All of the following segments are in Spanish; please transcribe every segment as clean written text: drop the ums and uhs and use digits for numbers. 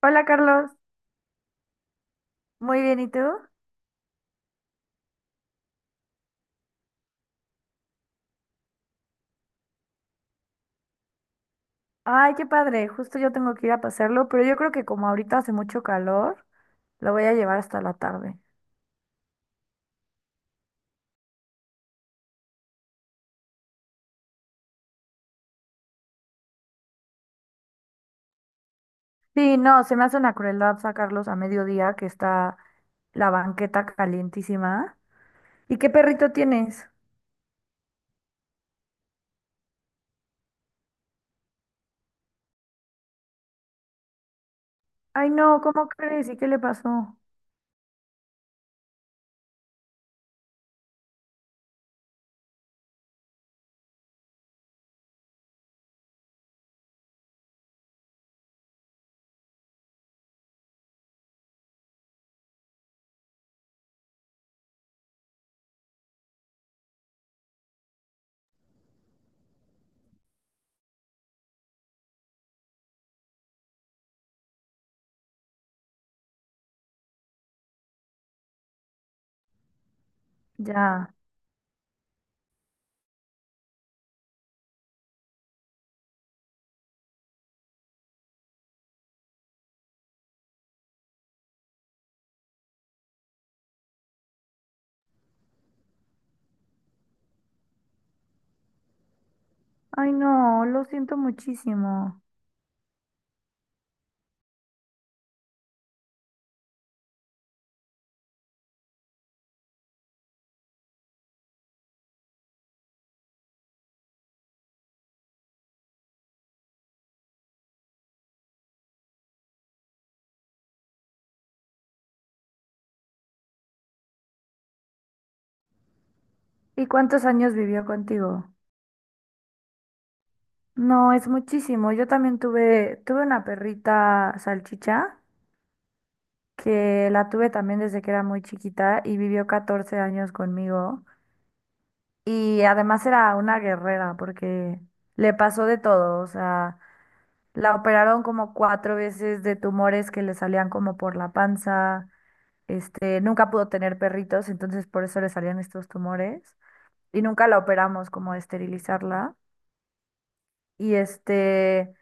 Hola Carlos, muy bien, ¿y tú? Ay, qué padre, justo yo tengo que ir a pasarlo, pero yo creo que como ahorita hace mucho calor, lo voy a llevar hasta la tarde. Sí, no, se me hace una crueldad sacarlos a mediodía que está la banqueta calientísima. ¿Y qué perrito tienes? Ay, no, ¿cómo crees? ¿Y qué le pasó? Ya. Ay, no, lo siento muchísimo. ¿Y cuántos años vivió contigo? No, es muchísimo. Yo también tuve una perrita salchicha, que la tuve también desde que era muy chiquita y vivió 14 años conmigo. Y además era una guerrera porque le pasó de todo, o sea, la operaron como cuatro veces de tumores que le salían como por la panza, este, nunca pudo tener perritos, entonces por eso le salían estos tumores y nunca la operamos como de esterilizarla. Y este,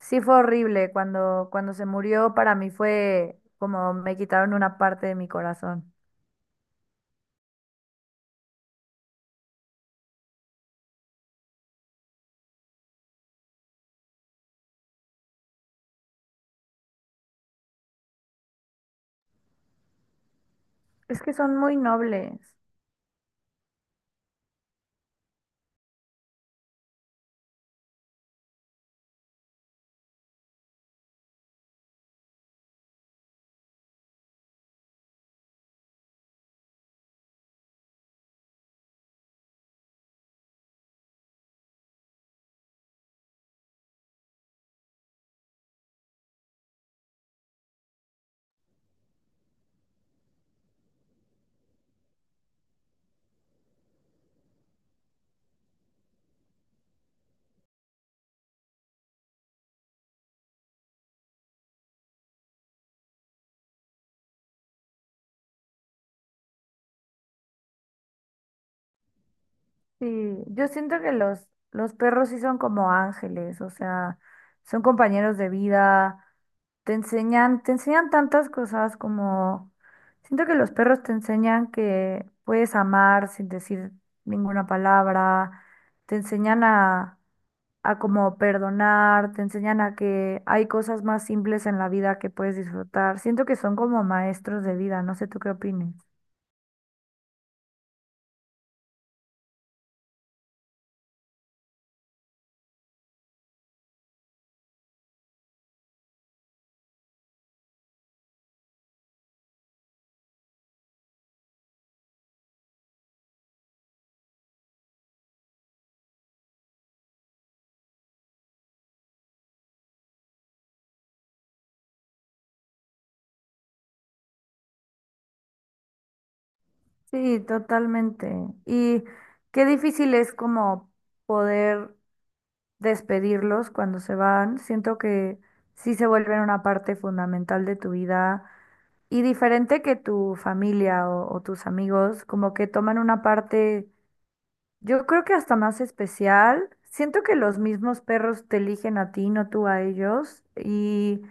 sí fue horrible, cuando se murió para mí fue como me quitaron una parte de mi corazón. Es que son muy nobles. Sí, yo siento que los perros sí son como ángeles, o sea, son compañeros de vida, te enseñan tantas cosas, como, siento que los perros te enseñan que puedes amar sin decir ninguna palabra, te enseñan a como perdonar, te enseñan a que hay cosas más simples en la vida que puedes disfrutar. Siento que son como maestros de vida, no sé tú qué opines. Sí, totalmente. Y qué difícil es como poder despedirlos cuando se van. Siento que sí se vuelven una parte fundamental de tu vida y diferente que tu familia o tus amigos, como que toman una parte, yo creo que hasta más especial. Siento que los mismos perros te eligen a ti, no tú a ellos, y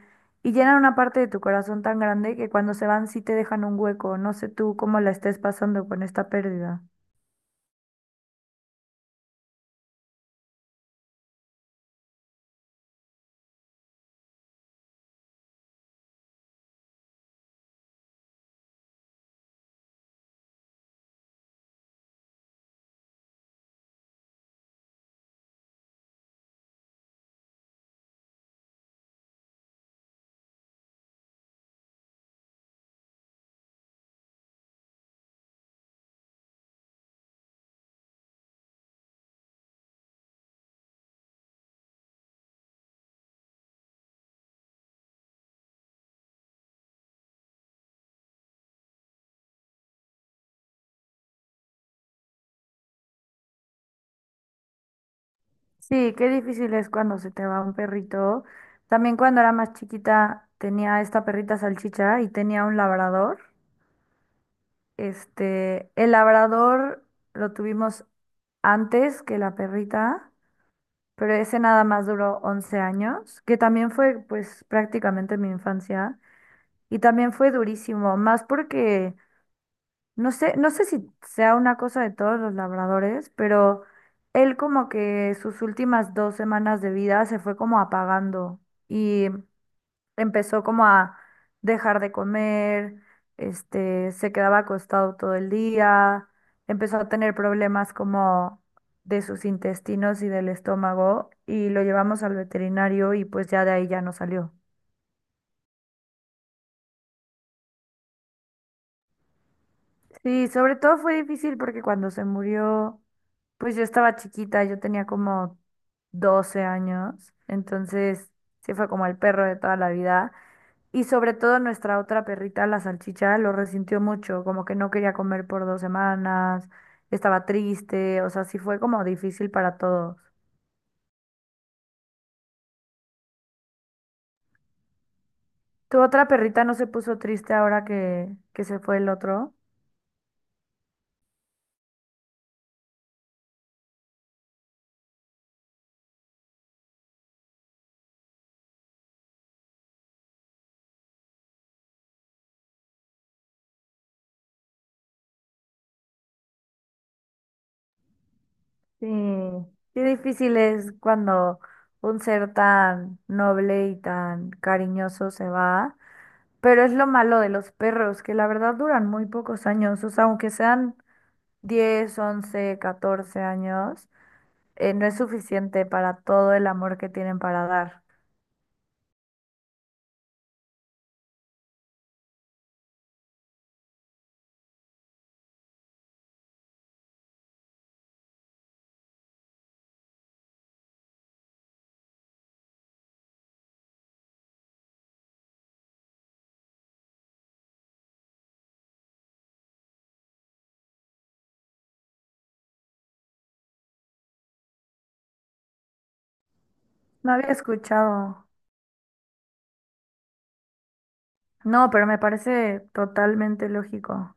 llenan una parte de tu corazón tan grande que cuando se van sí te dejan un hueco. No sé tú cómo la estés pasando con esta pérdida. Sí, qué difícil es cuando se te va un perrito. También cuando era más chiquita tenía esta perrita salchicha y tenía un labrador. Este, el labrador lo tuvimos antes que la perrita, pero ese nada más duró 11 años, que también fue pues prácticamente mi infancia y también fue durísimo, más porque no sé si sea una cosa de todos los labradores, pero él como que sus últimas 2 semanas de vida se fue como apagando y empezó como a dejar de comer, este, se quedaba acostado todo el día, empezó a tener problemas como de sus intestinos y del estómago y lo llevamos al veterinario y pues ya de ahí ya no salió. Sí, sobre todo fue difícil porque cuando se murió, pues yo estaba chiquita, yo tenía como 12 años, entonces sí fue como el perro de toda la vida. Y sobre todo nuestra otra perrita, la salchicha, lo resintió mucho, como que no quería comer por 2 semanas, estaba triste, o sea, sí fue como difícil para todos. ¿Tu otra perrita no se puso triste ahora que se fue el otro? Sí, qué difícil es cuando un ser tan noble y tan cariñoso se va, pero es lo malo de los perros, que la verdad duran muy pocos años, o sea, aunque sean 10, 11, 14 años, no es suficiente para todo el amor que tienen para dar. No había escuchado. No, pero me parece totalmente lógico.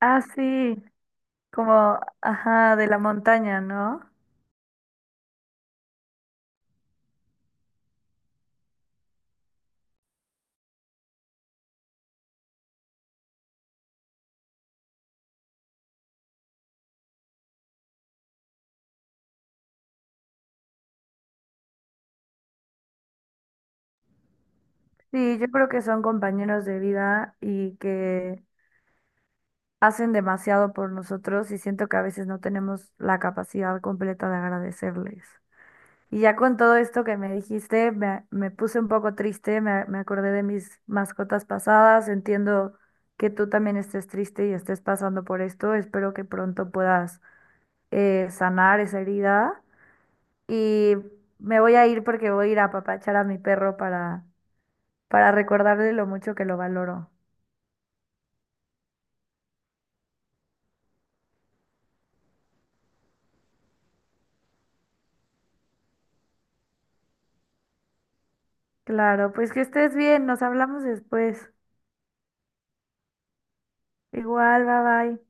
Ah, sí, como, ajá, de la montaña, ¿no? Sí, yo creo que son compañeros de vida y que hacen demasiado por nosotros y siento que a veces no tenemos la capacidad completa de agradecerles. Y ya con todo esto que me dijiste, me puse un poco triste, me acordé de mis mascotas pasadas, entiendo que tú también estés triste y estés pasando por esto, espero que pronto puedas sanar esa herida y me voy a ir porque voy a ir a apapachar a mi perro para recordarle lo mucho que lo valoro. Claro, pues que estés bien, nos hablamos después. Igual, bye bye.